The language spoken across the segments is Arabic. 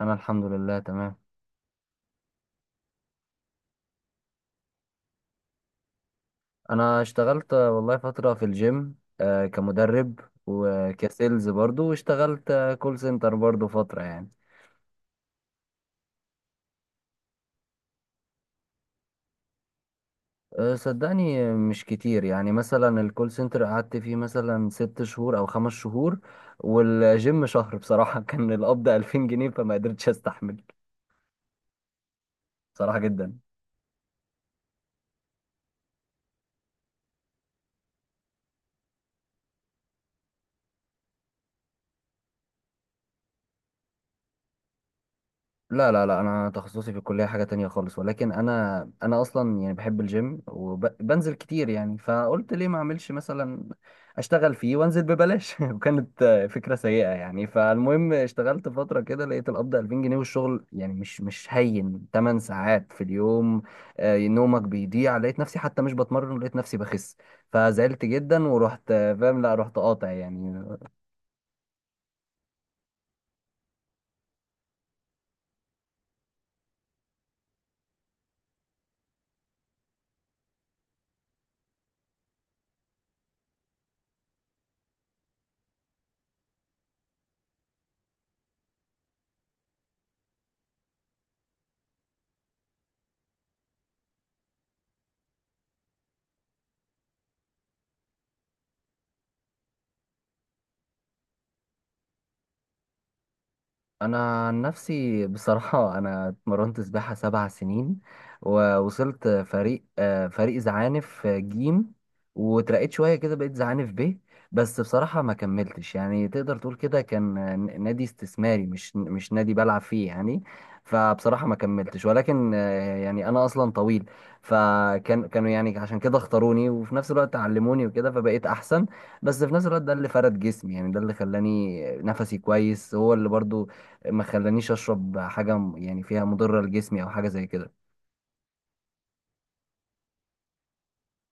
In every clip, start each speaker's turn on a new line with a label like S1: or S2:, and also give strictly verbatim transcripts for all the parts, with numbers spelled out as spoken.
S1: انا الحمد لله تمام. انا اشتغلت آه، والله فترة في الجيم، آه، كمدرب، وكسيلز برضو. واشتغلت آه، كول سنتر برضو فترة يعني. آه، صدقني، آه، مش كتير يعني. مثلا الكول سنتر قعدت فيه مثلا ست شهور او خمس شهور، والجيم شهر بصراحة. كان القبض ألفين جنيه فما قدرتش استحمل بصراحة جدا. لا لا لا، انا تخصصي في الكليه حاجه تانية خالص، ولكن انا انا اصلا يعني بحب الجيم وبنزل كتير يعني. فقلت ليه ما اعملش مثلا اشتغل فيه وانزل ببلاش. وكانت آه، فكره سيئه يعني. فالمهم اشتغلت فتره كده لقيت القبض ألفين جنيه، والشغل يعني مش مش هين، ثماني ساعات في اليوم. آه، نومك بيضيع. لقيت نفسي حتى مش بتمرن، لقيت نفسي بخس. فزعلت جدا ورحت آه، فاهم، لا رحت قاطع يعني. انا عن نفسي بصراحه انا اتمرنت سباحه سبع سنين، ووصلت فريق آه، فريق زعانف آه، جيم. واترقيت شويه كده بقيت زعانف ب، بس بصراحه ما كملتش. يعني تقدر تقول كده كان آه، ن- نادي استثماري، مش مش نادي بلعب فيه يعني. فبصراحه ما كملتش، ولكن آه، يعني انا اصلا طويل، فكان كانوا يعني عشان كده اختاروني، وفي نفس الوقت علموني وكده، فبقيت احسن. بس في نفس الوقت ده اللي فرد جسمي يعني، ده اللي خلاني نفسي كويس هو اللي برضو ما خلانيش اشرب حاجه م- يعني فيها مضره لجسمي او حاجه زي كده.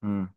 S1: امم،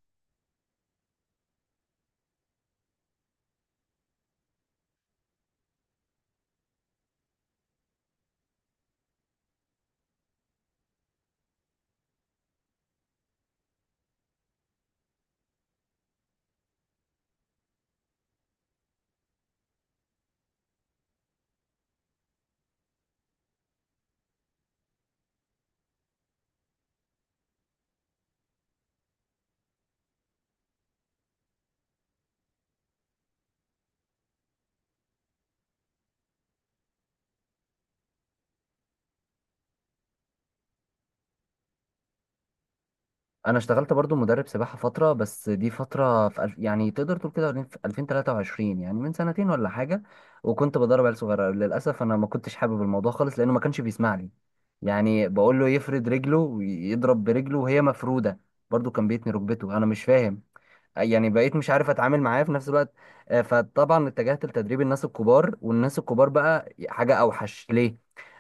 S1: انا اشتغلت برضو مدرب سباحه فتره. بس دي فتره في الف... يعني تقدر تقول كده في ألفين وتلاتة وعشرين، يعني من سنتين ولا حاجه. وكنت بدرب عيال صغيره. للاسف انا ما كنتش حابب الموضوع خالص لانه ما كانش بيسمع لي. يعني بقول له يفرد رجله ويضرب برجله وهي مفروده. برضو كان بيتني ركبته، انا مش فاهم. يعني بقيت مش عارف اتعامل معاه في نفس الوقت. آه، فطبعا اتجهت لتدريب الناس الكبار، والناس الكبار بقى حاجة اوحش ليه.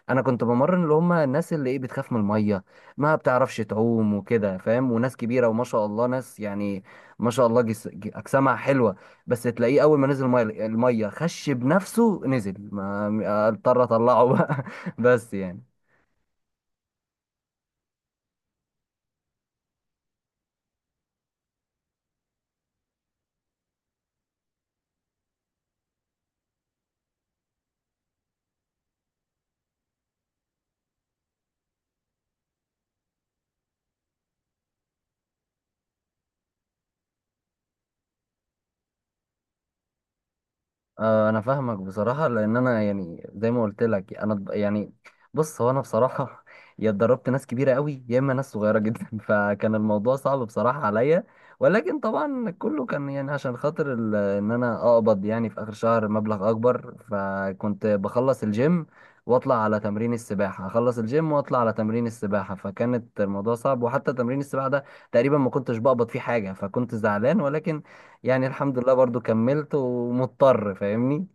S1: انا كنت بمرن اللي هم الناس اللي ايه بتخاف من المية، ما بتعرفش تعوم وكده فاهم. وناس كبيرة وما شاء الله. ناس يعني ما شاء الله جس... ج- اجسامها حلوة. بس تلاقيه اول ما نزل المية، المية خش بنفسه، نزل ما اضطر اطلعه بقى. بس يعني آه، انا فاهمك بصراحه. لان انا يعني زي ما قلت لك انا اتض- يعني بص. هو انا بصراحه يا اتدربت ناس كبيره قوي يا اما ناس صغيره جدا. فكان الموضوع صعب بصراحه عليا. ولكن طبعا كله كان يعني عشان خاطر ال- ان انا اقبض يعني في اخر شهر مبلغ اكبر، فكنت بخلص الجيم واطلع على تمرين السباحه، اخلص الجيم واطلع على تمرين السباحه. فكانت الموضوع صعب. وحتى تمرين السباحه ده تقريبا ما كنتش بقبض فيه حاجه، فكنت زعلان. ولكن يعني الحمد لله برضو كملت ومضطر فاهمني.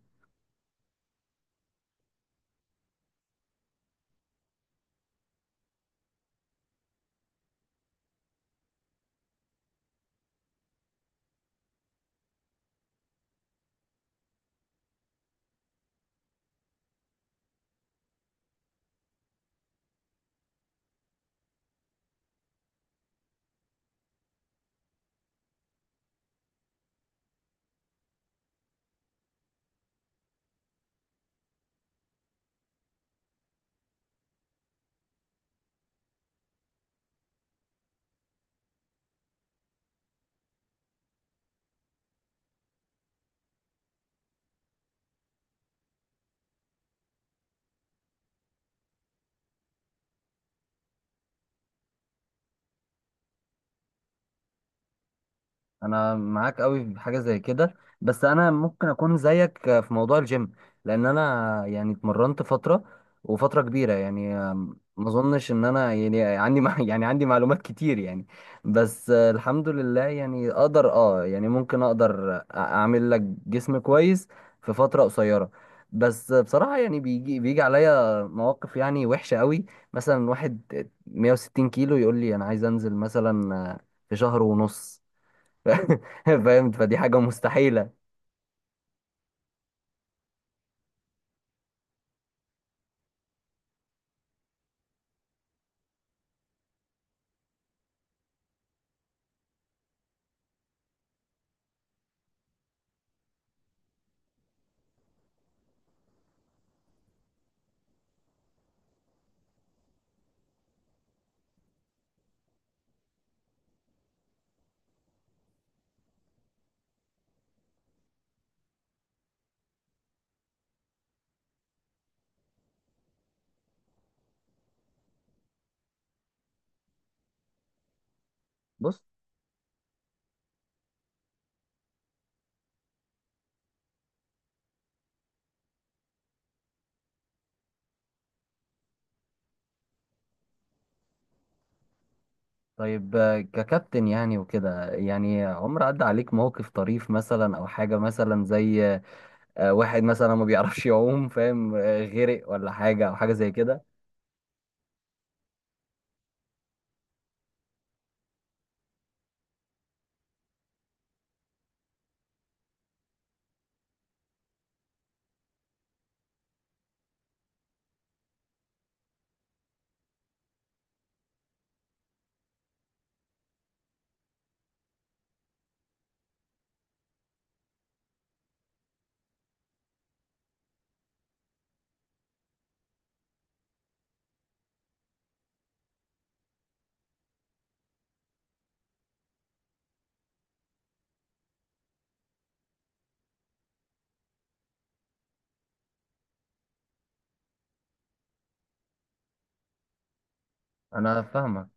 S1: انا معاك قوي في حاجه زي كده، بس انا ممكن اكون زيك في موضوع الجيم، لان انا يعني اتمرنت فتره وفتره كبيره يعني. ما اظنش ان انا يعني عندي مع- يعني عندي معلومات كتير يعني. بس الحمد لله يعني اقدر اه يعني ممكن اقدر اعمل لك جسم كويس في فتره قصيره. بس بصراحه يعني بيجي بيجي عليا مواقف يعني وحشه قوي. مثلا واحد مائة وستين كيلو يقول لي انا عايز انزل مثلا في شهر ونص. فاهم فدي حاجة مستحيلة. بص طيب، آه، ككابتن يعني وكده يعني عمر عدى عليك موقف طريف مثلا او حاجة مثلا زي آه، واحد مثلا ما بيعرفش يعوم فاهم آه، غرق ولا حاجة او حاجة زي كده انا فاهمك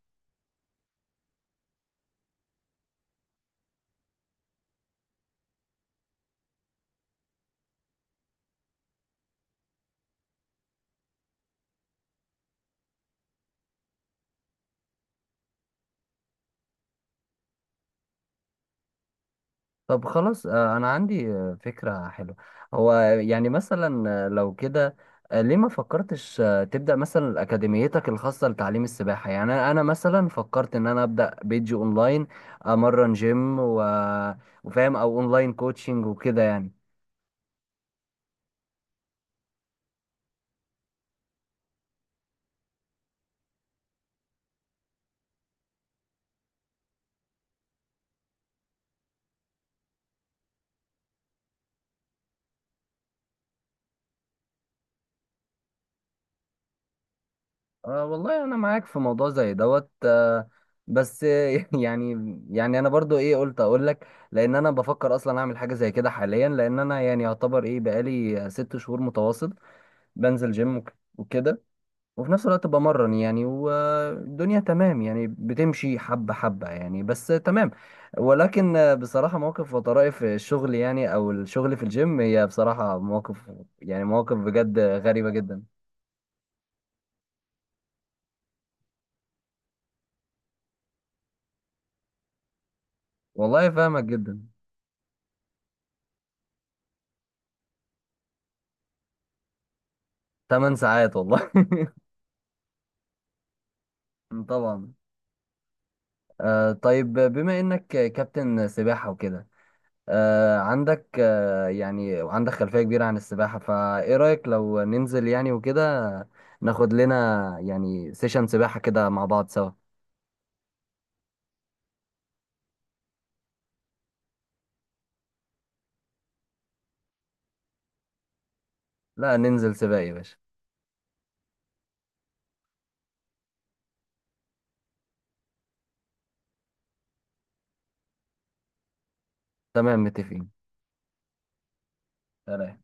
S1: طب خلاص آه، انا عندي آه، فكرة حلوة. هو يعني مثلا آه، لو كده آه، ليه ما فكرتش آه، تبدأ مثلا أكاديميتك الخاصة لتعليم السباحة؟ يعني أنا أنا مثلا فكرت إن أنا أبدأ بيج أونلاين، أمرن جيم و... وفاهم، أو أونلاين كوتشنج وكده يعني. أه والله أنا معاك في موضوع زي دوت أه. بس آه، يعني يعني أنا برضو إيه قلت أقول لك. لأن أنا بفكر أصلا أعمل حاجة زي كده حاليا. لأن أنا يعني يعتبر إيه بقالي آه، ست شهور متواصل بنزل جيم وك- وكده. وفي نفس الوقت بمرن يعني، والدنيا تمام يعني، بتمشي حبة حبة يعني، بس تمام. ولكن آه، بصراحة مواقف وطرائف الشغل يعني، أو الشغل في الجيم، هي بصراحة مواقف يعني مواقف بجد غريبة جدا. والله فاهمك جدا. ثماني ساعات والله. طبعا. آه طيب، بما إنك كابتن سباحة وكده، آه عندك آه يعني عندك خلفية كبيرة عن السباحة. فإيه رأيك لو ننزل يعني وكده، ناخد لنا يعني سيشن سباحة كده مع بعض سوا؟ لا ننزل سباق يا باشا. تمام متفقين. سلام.